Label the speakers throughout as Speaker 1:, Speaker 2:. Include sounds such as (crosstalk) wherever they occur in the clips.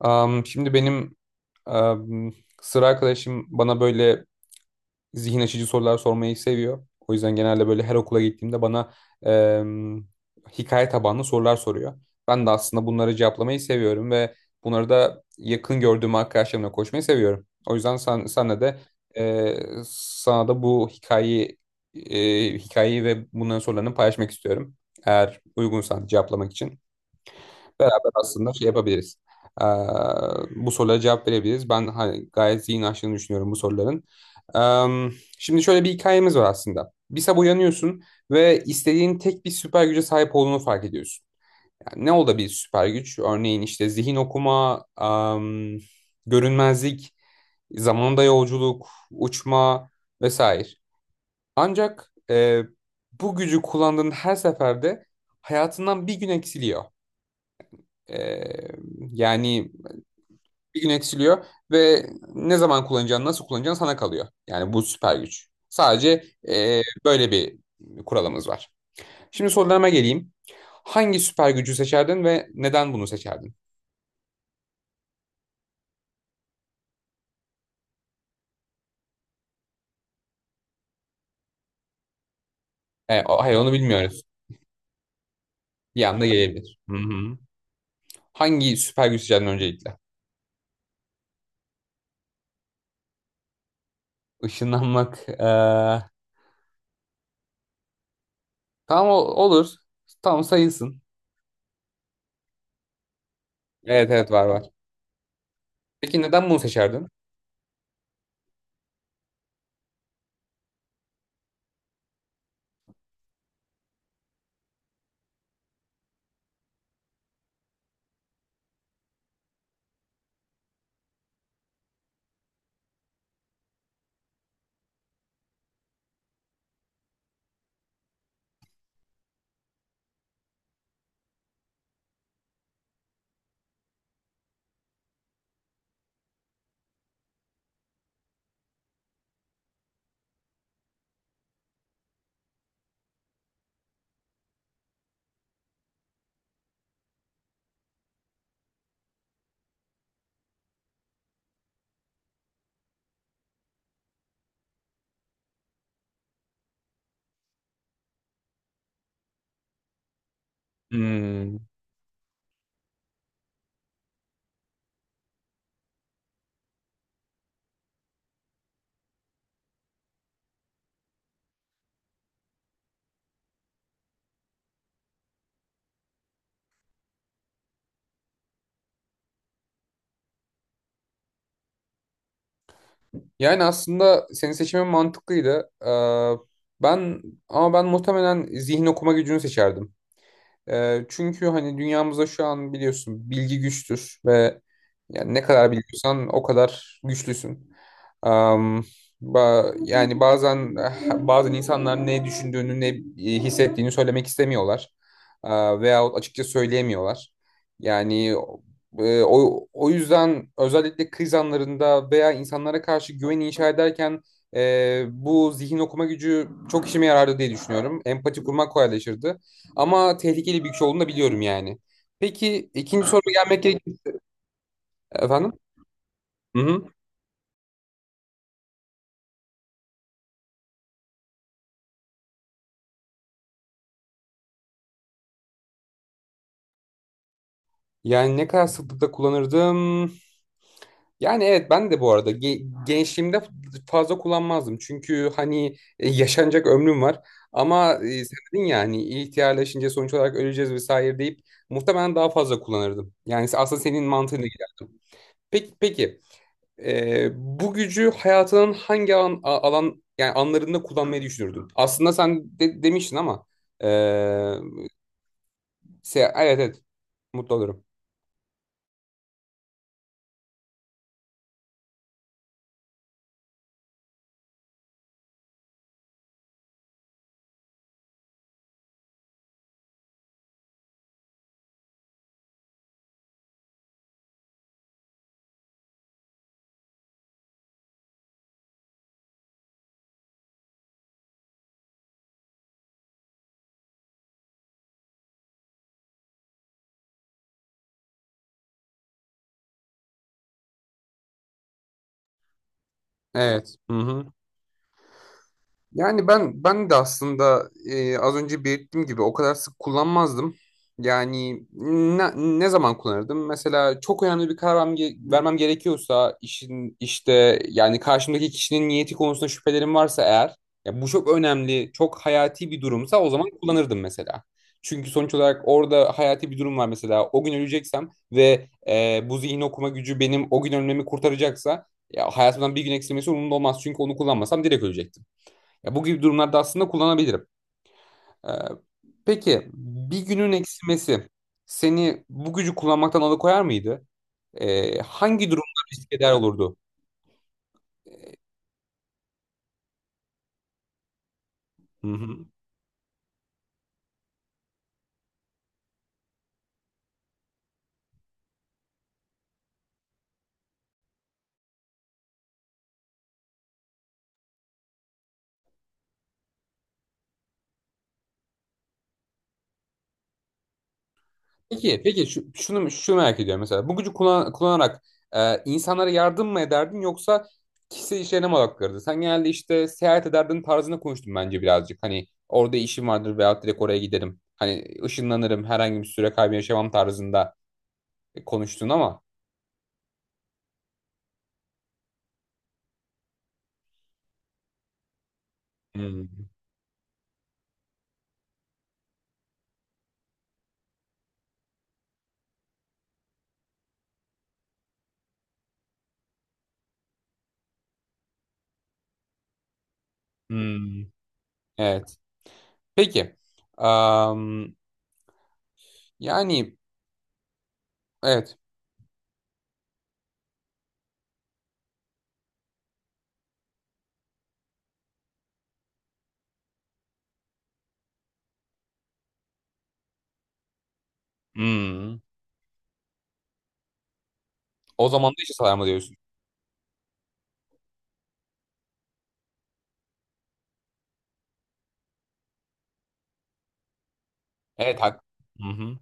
Speaker 1: Şimdi benim am, sıra arkadaşım bana böyle zihin açıcı sorular sormayı seviyor. O yüzden genelde böyle her okula gittiğimde bana em, hikaye tabanlı sorular soruyor. Ben de aslında bunları cevaplamayı seviyorum ve bunları da yakın gördüğüm arkadaşlarımla koşmayı seviyorum. O yüzden senle de e, sana da bu hikayeyi hikayeyi ve bunların sorularını paylaşmak istiyorum. Eğer uygunsan cevaplamak için. Beraber aslında şey yapabiliriz. Ee, bu sorulara cevap verebiliriz. Ben hani gayet zihin açtığını düşünüyorum bu soruların. Ee, şimdi şöyle bir hikayemiz var aslında. Bir sabah uyanıyorsun ve istediğin tek bir süper güce sahip olduğunu fark ediyorsun. Yani ne olabilir süper güç? Örneğin işte zihin okuma, görünmezlik, zamanda yolculuk, uçma vesaire. Ancak bu gücü kullandığın her seferde hayatından bir gün eksiliyor. Ee, yani bir gün eksiliyor ve ne zaman kullanacağın, nasıl kullanacağın sana kalıyor. Yani bu süper güç. Sadece böyle bir kuralımız var. Şimdi sorularıma geleyim. Hangi süper gücü seçerdin ve neden bunu seçerdin? Hayır onu bilmiyoruz. Bir anda gelebilir. Hı hı. Hangi süper güç seçerdin öncelikle? Işınlanmak. Tamam olur. Tamam sayılsın. Evet evet var var. Peki neden bunu seçerdin? Hmm. Yani aslında senin seçimin mantıklıydı. Ben ama ben muhtemelen zihin okuma gücünü seçerdim. Çünkü hani dünyamızda şu an biliyorsun bilgi güçtür ve yani ne kadar biliyorsan o kadar güçlüsün. Am, yani bazen bazen insanlar ne düşündüğünü ne hissettiğini söylemek istemiyorlar. Veyahut açıkça söyleyemiyorlar. Yani o yüzden özellikle kriz anlarında veya insanlara karşı güven inşa ederken bu zihin okuma gücü çok işime yarardı diye düşünüyorum. Empati kurmak kolaylaşırdı. Ama tehlikeli bir güç olduğunu da biliyorum yani. Peki ikinci. Ha. Gelmek gerekir. Efendim. Hı hı. Yani ne kadar sıklıkla kullanırdım? Yani evet ben de bu arada gençliğimde fazla kullanmazdım. Çünkü hani yaşanacak ömrüm var. Ama sen dedin ya hani ihtiyarlaşınca sonuç olarak öleceğiz vesaire deyip muhtemelen daha fazla kullanırdım. Yani aslında senin mantığına giderdim. Peki, peki. Bu gücü hayatının hangi alan yani anlarında kullanmayı düşünürdün? Aslında sen de, demiştin ama ee, evet evet mutlu olurum. Evet. Hı hı. Yani ben de aslında az önce belirttiğim gibi o kadar sık kullanmazdım. Yani ne, ne zaman kullanırdım? Mesela çok önemli bir karar vermem gerekiyorsa işin işte yani karşımdaki kişinin niyeti konusunda şüphelerim varsa eğer ya bu çok önemli, çok hayati bir durumsa o zaman kullanırdım mesela. Çünkü sonuç olarak orada hayati bir durum var mesela. O gün öleceksem ve bu zihin okuma gücü benim o gün ölmemi kurtaracaksa ya hayatımdan bir gün eksilmesi umurumda olmaz. Çünkü onu kullanmasam direkt ölecektim. Ya bu gibi durumlarda aslında kullanabilirim. Ee, peki bir günün eksilmesi seni bu gücü kullanmaktan alıkoyar mıydı? Hangi durumda risk eder olurdu? Hı hı. Peki, peki şu merak ediyorum mesela bu gücü kullanarak insanlara yardım mı ederdin yoksa kişisel işlerine mi odaklanırdın? Sen genelde işte seyahat ederdin tarzında konuştun bence birazcık. Hani orada işim vardır veya direkt oraya giderim. Hani ışınlanırım herhangi bir süre kaybı yaşamam tarzında konuştun ama. Hmm. Hmm. Evet. Peki. Am, yani evet. Hmm. O zaman da hiç sarma diyorsun. Evet hak. Hı hı.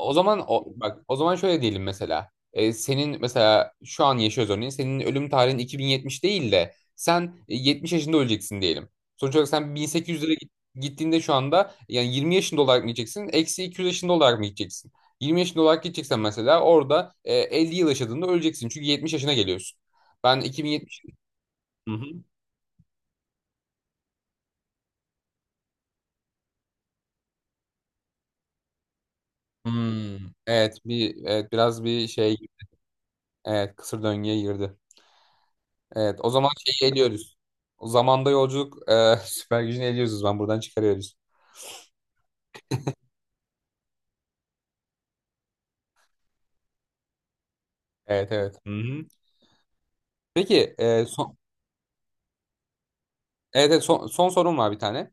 Speaker 1: O zaman o, bak o zaman şöyle diyelim mesela. Senin mesela şu an yaşıyoruz örneğin. Senin ölüm tarihin 2070 değil de sen 70 yaşında öleceksin diyelim. Sonuç olarak sen 1800'lere gittiğinde şu anda yani 20 yaşında olarak mı gideceksin? Eksi 200 yaşında olarak mı gideceksin? 20 yaşında olarak gideceksen mesela orada 50 yıl yaşadığında öleceksin. Çünkü 70 yaşına geliyorsun. Ben 2070... Hmm, evet bir evet biraz bir şey, evet, kısır döngüye girdi. Evet o zaman şeyi eliyoruz. O zamanda yolculuk (laughs) süper gücünü eliyoruz ben buradan çıkarıyoruz. Evet evet. Hı-hı. Peki son evet, evet son, son sorum var bir tane.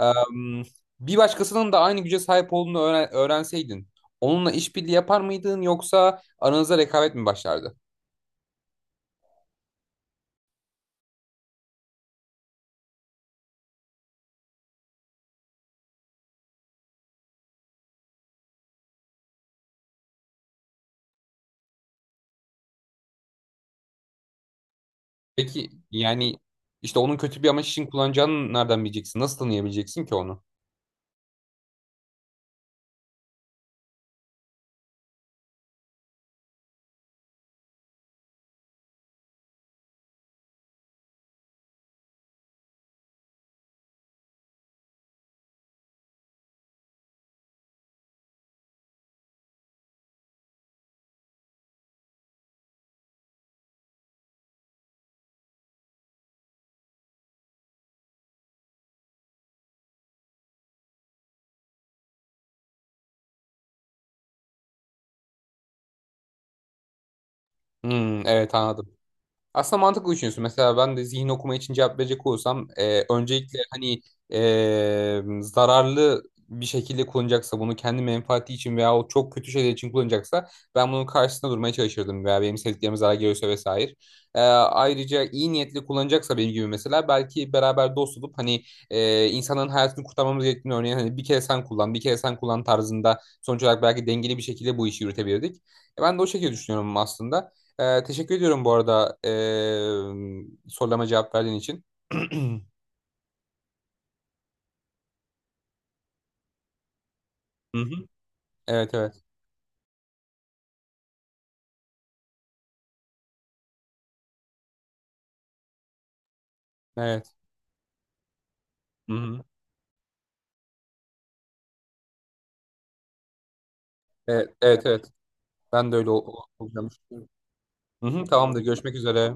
Speaker 1: Em, bir başkasının da aynı güce sahip olduğunu öğrenseydin onunla işbirliği yapar mıydın yoksa aranızda rekabet mi başlardı? Peki yani işte onun kötü bir amaç için kullanacağını nereden bileceksin? Nasıl tanıyabileceksin ki onu? Hmm, evet anladım. Aslında mantıklı düşünüyorsun. Mesela ben de zihin okuma için cevap verecek olursam öncelikle hani zararlı bir şekilde kullanacaksa bunu kendi menfaati için veya o çok kötü şeyler için kullanacaksa ben bunun karşısında durmaya çalışırdım veya benim sevdiklerime zarar geliyorsa vesaire. Ayrıca iyi niyetli kullanacaksa benim gibi mesela belki beraber dost olup hani insanların hayatını kurtarmamız gerektiğini örneğin hani bir kere sen kullan bir kere sen kullan tarzında sonuç olarak belki dengeli bir şekilde bu işi yürütebilirdik. Ben de o şekilde düşünüyorum aslında. Teşekkür ediyorum bu arada sorulama cevap verdiğin için. (clears throat) Hı hı. Evet evet. Evet. Hı hı. Evet evet. Evet. Ben de öyle olacağımı düşünüyorum. Hı hı, tamamdır. Görüşmek üzere.